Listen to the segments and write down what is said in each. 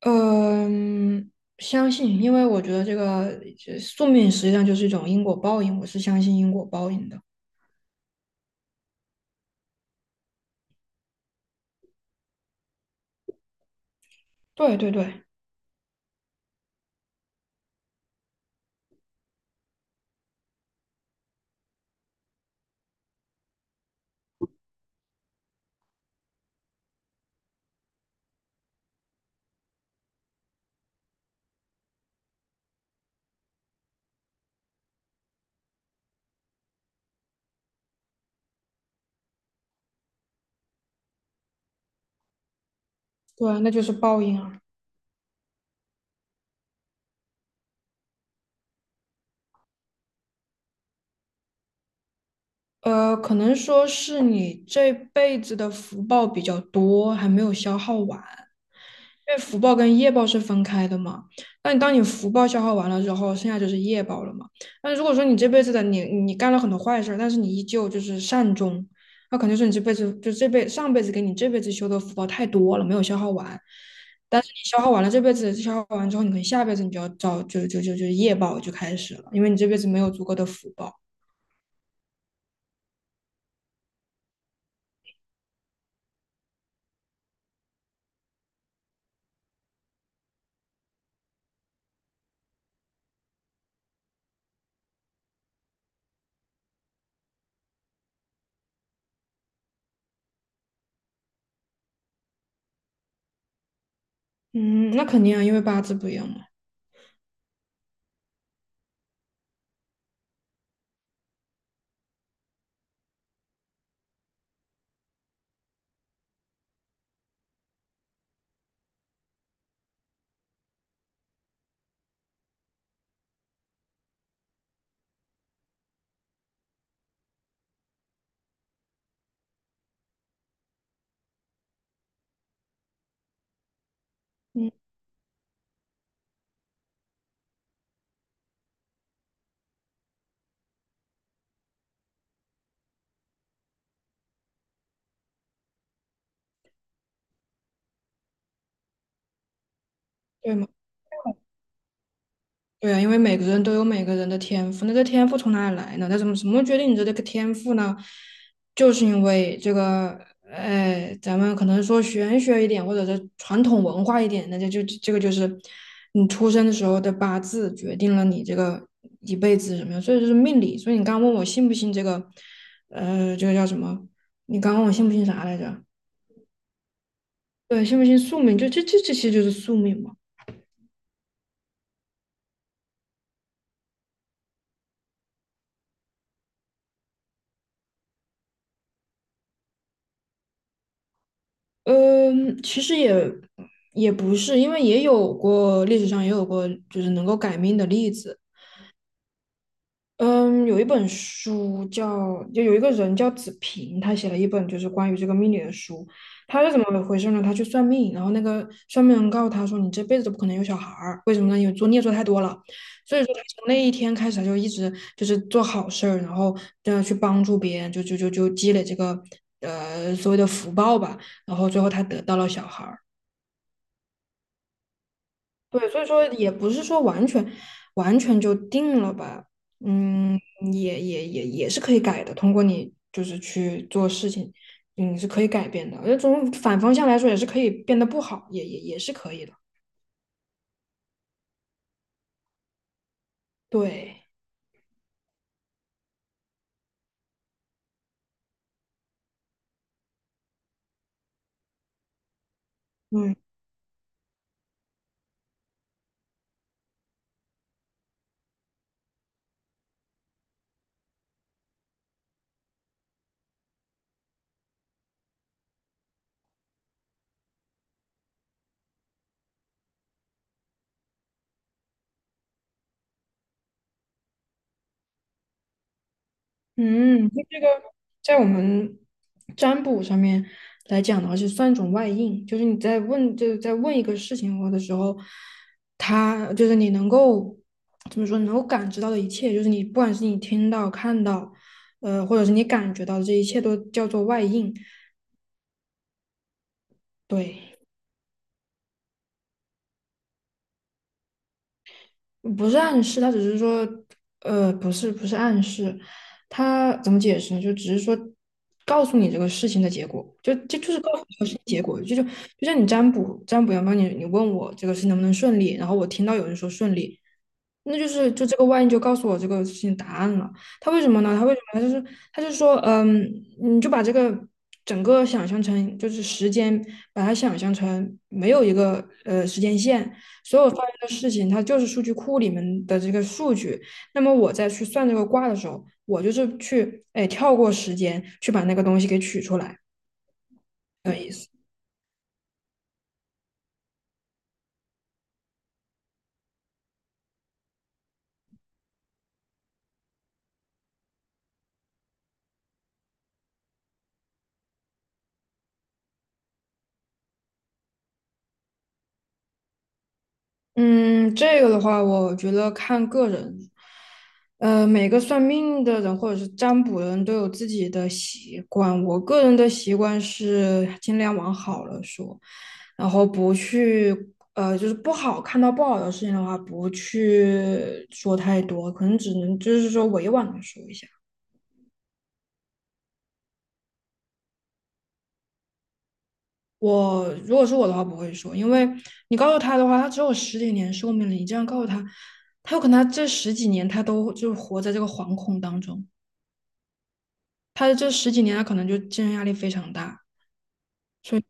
嗯，相信，因为我觉得这宿命实际上就是一种因果报应，我是相信因果报应的。对对对对，那就是报应啊。可能说是你这辈子的福报比较多，还没有消耗完。因为福报跟业报是分开的嘛。那你当你福报消耗完了之后，剩下就是业报了嘛。那如果说你这辈子的你干了很多坏事但是你依旧就是善终，那肯定是你这辈子就这辈上辈子给你这辈子修的福报太多了，没有消耗完。但是你消耗完了这辈子消耗完之后，你可能下辈子你就要找就就就就业报就开始了，因为你这辈子没有足够的福报。嗯，那肯定啊，因为八字不一样嘛。嗯，对吗？对啊，因为每个人都有每个人的天赋，那这天赋从哪里来呢？那怎么决定你的这个天赋呢？就是因为这个，哎，咱们可能说玄学一点，或者是传统文化一点，那就这个就是你出生的时候的八字决定了你这个一辈子什么样，所以就是命理。所以你刚问我信不信这个，这个叫什么？你刚问我信不信啥来着？对，信不信宿命？就这些就是宿命嘛。嗯，其实也不是，因为也有过历史上也有过就是能够改命的例子。嗯，有一本书叫，就有一个人叫子平，他写了一本就是关于这个命理的书。他是怎么回事呢？他去算命，然后那个算命人告诉他说："你这辈子都不可能有小孩儿，为什么呢？因为做孽做太多了。"所以说，他从那一天开始，他就一直就是做好事儿，然后这样去帮助别人，就积累这个所谓的福报吧。然后最后他得到了小孩儿。对，所以说也不是说完全就定了吧，嗯，也是可以改的，通过你就是去做事情，嗯，是可以改变的。那从反方向来说，也是可以变得不好，也是可以的。对，嗯。嗯，就这个在我们占卜上面来讲的话，是算一种外应，就是你在问，就是在问一个事情或的时候，他就是你能够怎么说，能够感知到的一切，就是你不管是你听到、看到，或者是你感觉到的这一切，都叫做外应。对。不是暗示，他只是说，不是暗示，他怎么解释呢？就只是说告诉你这个事情的结果，就就就是告诉你这个事情结果，就就就像你占卜阳刚，你问我这个事情能不能顺利，然后我听到有人说顺利，那就是就这个万一就告诉我这个事情答案了。他为什么呢？他为什么他就是他就说，嗯，你就把这个整个想象成就是时间，把它想象成没有一个时间线，所有发生的事情，它就是数据库里面的这个数据。那么我在去算这个卦的时候，我就是去哎跳过时间去把那个东西给取出来的意思。嗯，这个的话，我觉得看个人，每个算命的人或者是占卜的人都有自己的习惯。我个人的习惯是尽量往好了说，然后不去，就是不好看到不好的事情的话，不去说太多，可能只能就是说委婉的说一下。我如果是我的话，不会说，因为你告诉他的话，他只有十几年寿命了，你这样告诉他，他有可能他这十几年他都就活在这个惶恐当中。他这十几年他可能就精神压力非常大，所以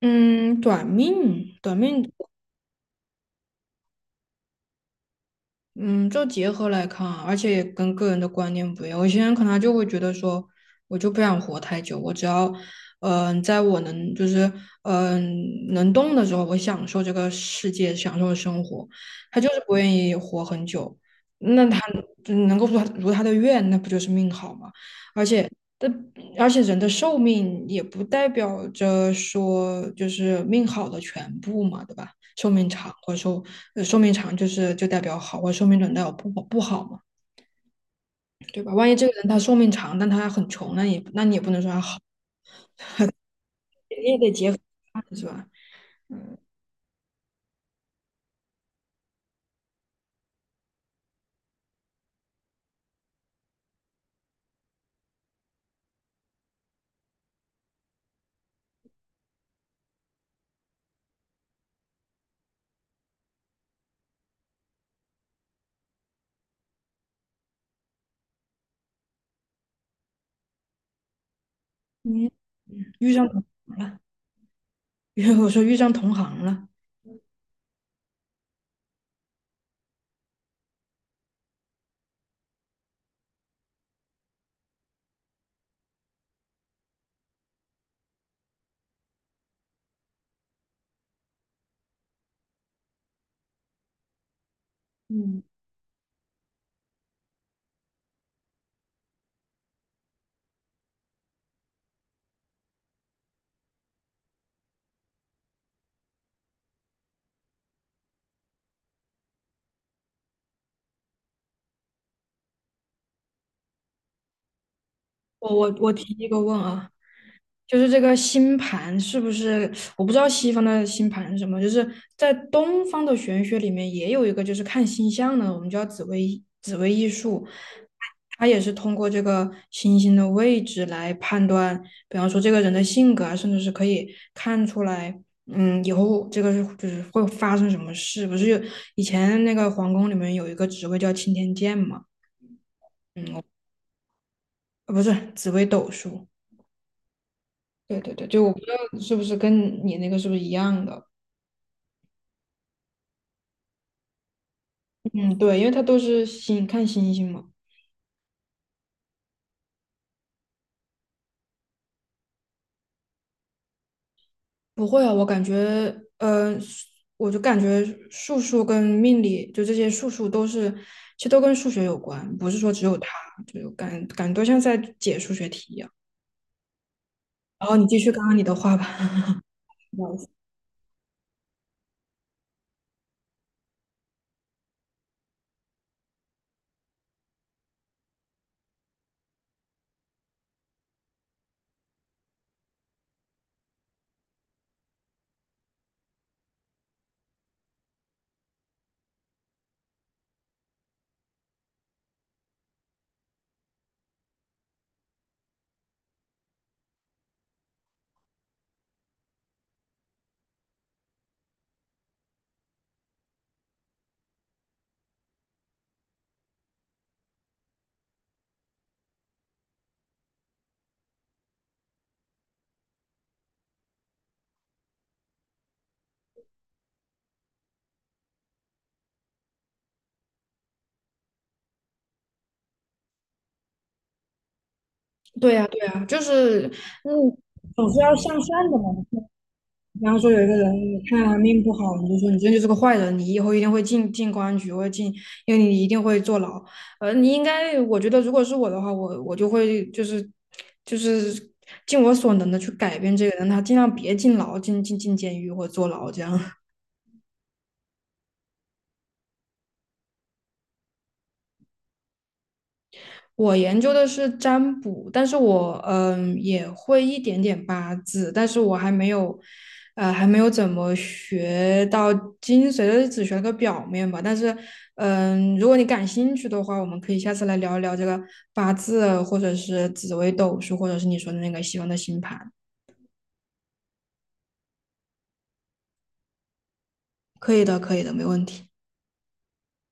嗯，短命嗯，就结合来看啊，而且也跟个人的观念不一样。有些人可能他就会觉得说，我就不想活太久，我只要，嗯、在我能就是嗯、能动的时候，我享受这个世界，享受生活。他就是不愿意活很久，那他就能够如他的愿，那不就是命好吗？而且，但而且人的寿命也不代表着说就是命好的全部嘛，对吧？寿命长，或者说寿命长就代表好，或者寿命短代表不好嘛，对吧？万一这个人他寿命长，但他很穷，那也那你也不能说他好，你也得结合是吧？你遇上同行了，因为我说遇上同行了。嗯，我提一个问啊，就是这个星盘是不是？我不知道西方的星盘是什么，就是在东方的玄学里面也有一个，就是看星象的，我们叫紫微艺术，它也是通过这个星星的位置来判断，比方说这个人的性格啊，甚至是可以看出来，嗯，以后这个是就是会发生什么事。不是有以前那个皇宫里面有一个职位叫钦天监嘛？不是紫微斗数。对对对，就我不知道是不是跟你那个是不是一样的。嗯，对，因为它都是星，看星星嘛。不会啊，我感觉，呃，我就感觉数数跟命理，就这些数数都是，其实都跟数学有关，不是说只有它，就感觉都像在解数学题一样。然后你继续刚刚你的话吧。对呀，对呀，就是，嗯，总是要向善的嘛。比方说有一个人，你看他命不好，你就说你这就是个坏人，你以后一定会进公安局或者进，因为你一定会坐牢。你应该，我觉得如果是我的话，我就会就是尽我所能的去改变这个人，他尽量别进牢、进监狱或坐牢这样。我研究的是占卜，但是我嗯也会一点点八字，但是我还没有，还没有怎么学到精髓的，就是只学了个表面吧。但是嗯，如果你感兴趣的话，我们可以下次来聊一聊这个八字，或者是紫微斗数，或者是你说的那个西方的星盘。可以的，可以的，没问题。